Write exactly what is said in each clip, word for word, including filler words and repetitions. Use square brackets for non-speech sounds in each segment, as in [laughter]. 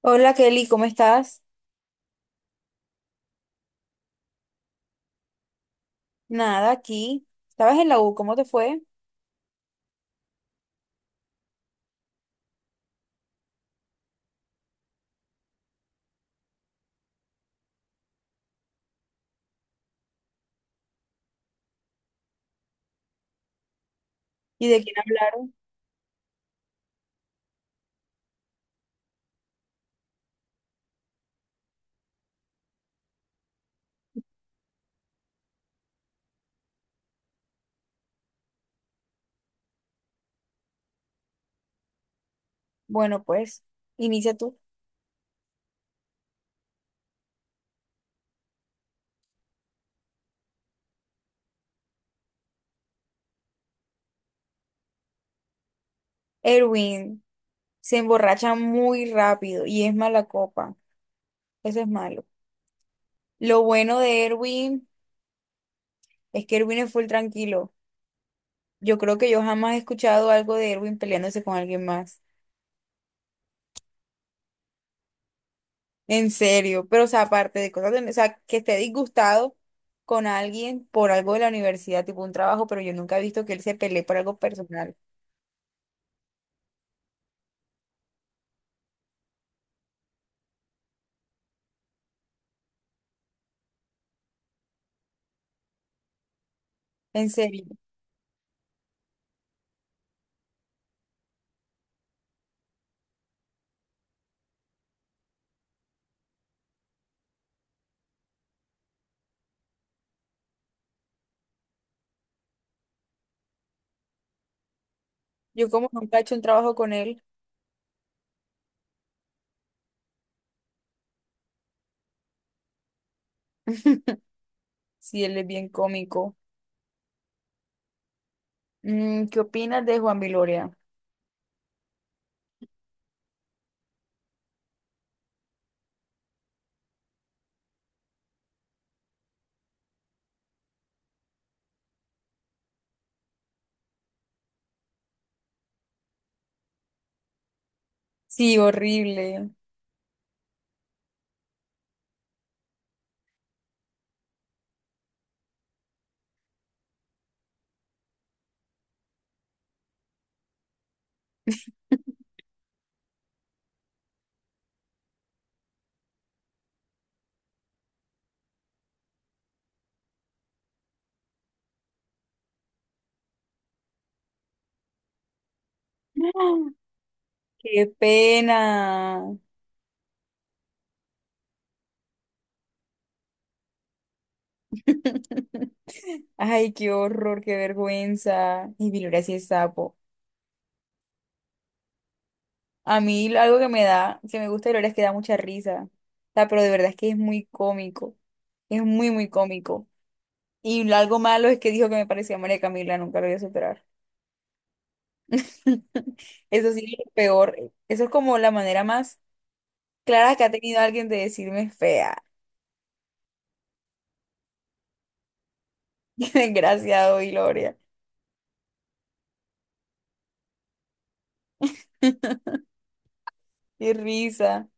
Hola Kelly, ¿cómo estás? Nada, aquí. ¿Estabas en la U? ¿Cómo te fue? ¿Y de quién hablaron? Bueno, pues, inicia tú. Erwin se emborracha muy rápido y es mala copa. Eso es malo. Lo bueno de Erwin es que Erwin es full tranquilo. Yo creo que yo jamás he escuchado algo de Erwin peleándose con alguien más. En serio. Pero, o sea, aparte de cosas, de- o sea, que esté disgustado con alguien por algo de la universidad, tipo un trabajo, pero yo nunca he visto que él se pelee por algo personal. En serio. Yo como nunca he hecho un trabajo con él, [laughs] si él es bien cómico. Mm, ¿qué opinas de Juan Viloria? Sí, horrible. [laughs] Qué pena. [laughs] Ay, qué horror, qué vergüenza. Y Viloria sí es sapo. A mí lo- algo que me da, que me gusta de Viloria es que da mucha risa. O sea, pero de verdad es que es muy cómico. Es muy, muy cómico. Y lo- algo malo es que dijo que me parecía a María Camila, nunca lo voy a superar. [laughs] Eso sí es lo peor. eh, Eso es como la manera más clara que ha tenido alguien de decirme fea. [laughs] Qué desgraciado, Gloria. [laughs] Qué risa.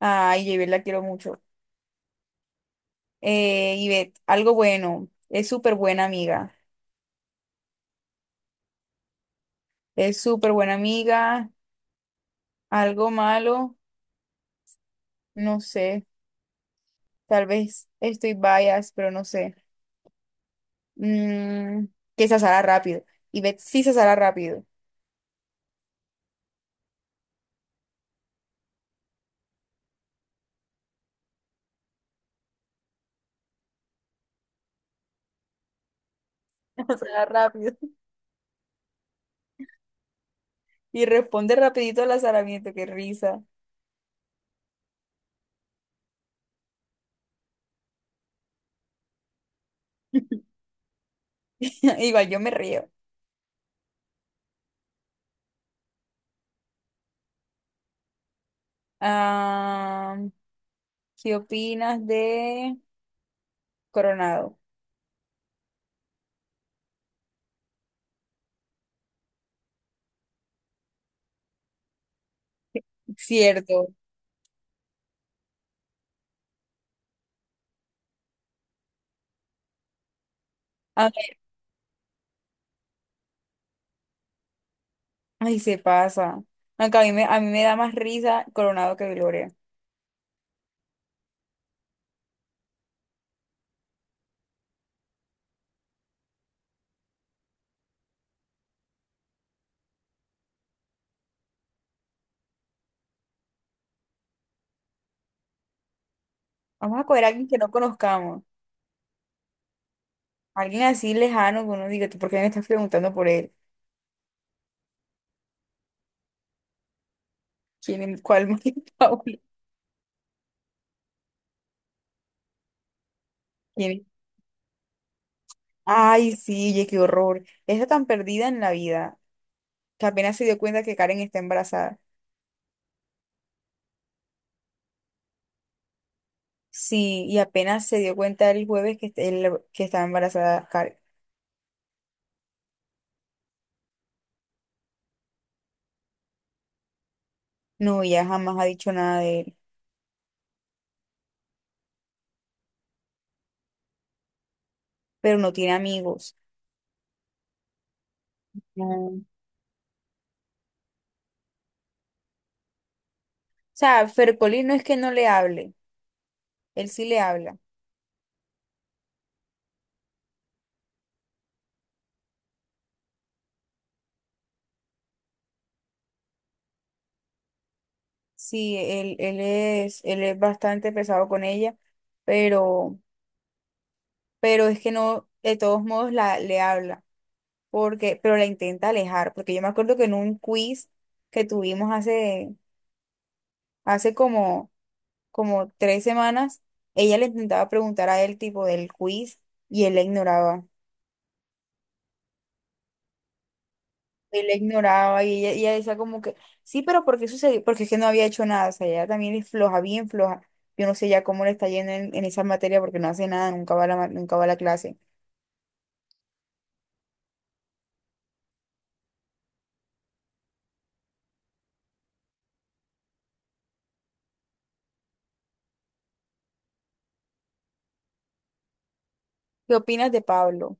Ay, Yvette, la quiero mucho. Eh, Yvette, algo bueno. Es súper buena amiga. Es súper buena amiga. Algo malo, no sé. Tal vez estoy bias, pero no sé. Mm, que se asara rápido. Yvette sí se asara rápido. [laughs] Se asara rápido. Y responde rapidito al azaramiento. Qué risa. [laughs] Igual yo me río. Ah, ¿qué opinas de Coronado? Cierto. A ver, ay, se pasa. Aunque a mí me, a mí me da más risa Coronado que Gloria. Vamos a coger a alguien que no conozcamos. Alguien así lejano que uno diga, ¿tú por qué me estás preguntando por él? ¿Quién, es- cuál más que [laughs] Paula? ¿Quién es? Ay, sí, oye, qué horror. Está tan perdida en la vida que apenas se dio cuenta que Karen está embarazada. Sí, y apenas se dio cuenta el jueves que, est- el- que estaba embarazada. No, ella jamás ha dicho nada de él, pero no tiene amigos. No. O sea, Fercolín no es que no le hable, él sí le habla. Sí, él, él es, él es bastante pesado con ella, pero, pero es que no, de todos modos la, le habla, porque, pero la intenta alejar, porque yo me acuerdo que en un quiz que tuvimos hace, hace como, como tres semanas, ella le intentaba preguntar a él tipo del quiz y él la ignoraba. Y la ignoraba y ella, y ella decía como que, sí, pero ¿por qué sucedió? Porque es que no había hecho nada, o sea, ella también es floja, bien floja. Yo no sé ya cómo le está yendo en, en esa materia porque no hace nada, nunca va a la, ma- nunca va a la clase. ¿Qué opinas de Pablo?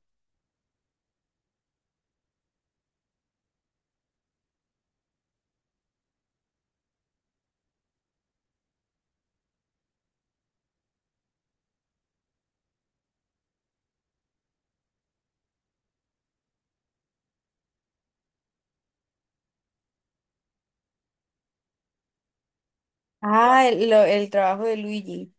Ah, el, lo- el trabajo de Luigi.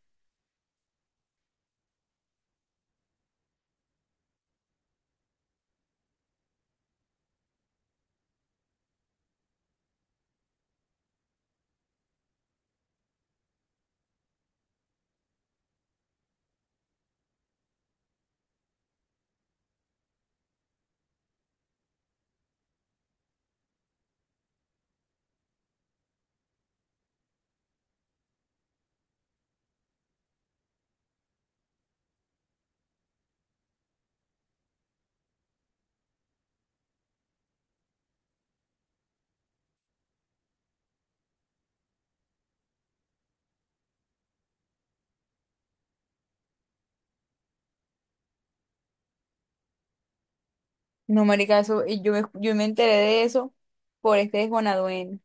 No, marica, eso, y yo, me- yo me enteré de eso por este de Juan Aduén.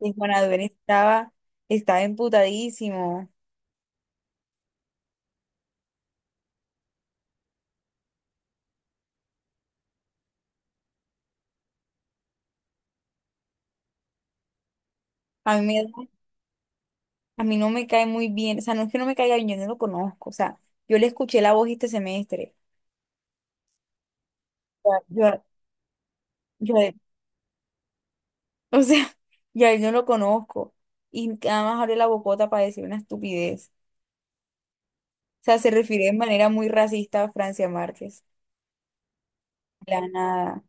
Y Juan Aduén estaba, estaba emputadísimo. A mí, me, da- a mí no me cae muy bien, o sea, no es que no me caiga bien, yo no lo conozco, o sea, yo le escuché la voz este semestre. O sea, Yo, yo, o sea, [laughs] y a él no lo conozco. Y nada más abre la bocota para decir una estupidez. O sea, se refiere de manera muy racista a Francia Márquez. La nada.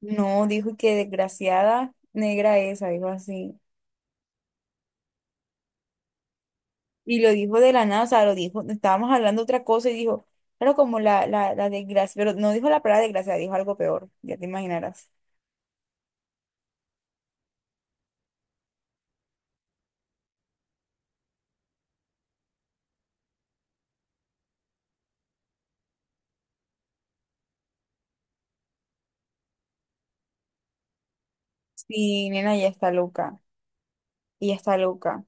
No, dijo que desgraciada negra esa, dijo así. Y lo dijo de la nada, o sea, lo dijo, estábamos hablando otra cosa y dijo, claro, como la, la, la desgracia, pero no dijo la palabra desgracia, dijo algo peor, ya te imaginarás. Sí, nena, ya está loca, ya está loca.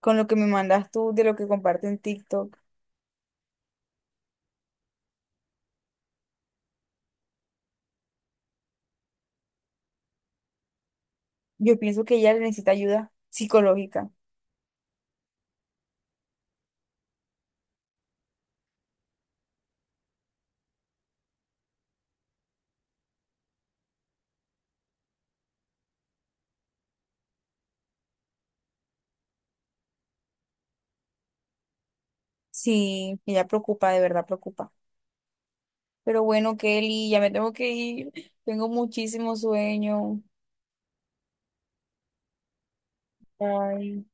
Con lo que me mandas tú de lo que comparte en TikTok, yo pienso que ella necesita ayuda psicológica. Sí, ella preocupa, de verdad preocupa. Pero bueno, Kelly, ya me tengo que ir. Tengo muchísimo sueño. Bye.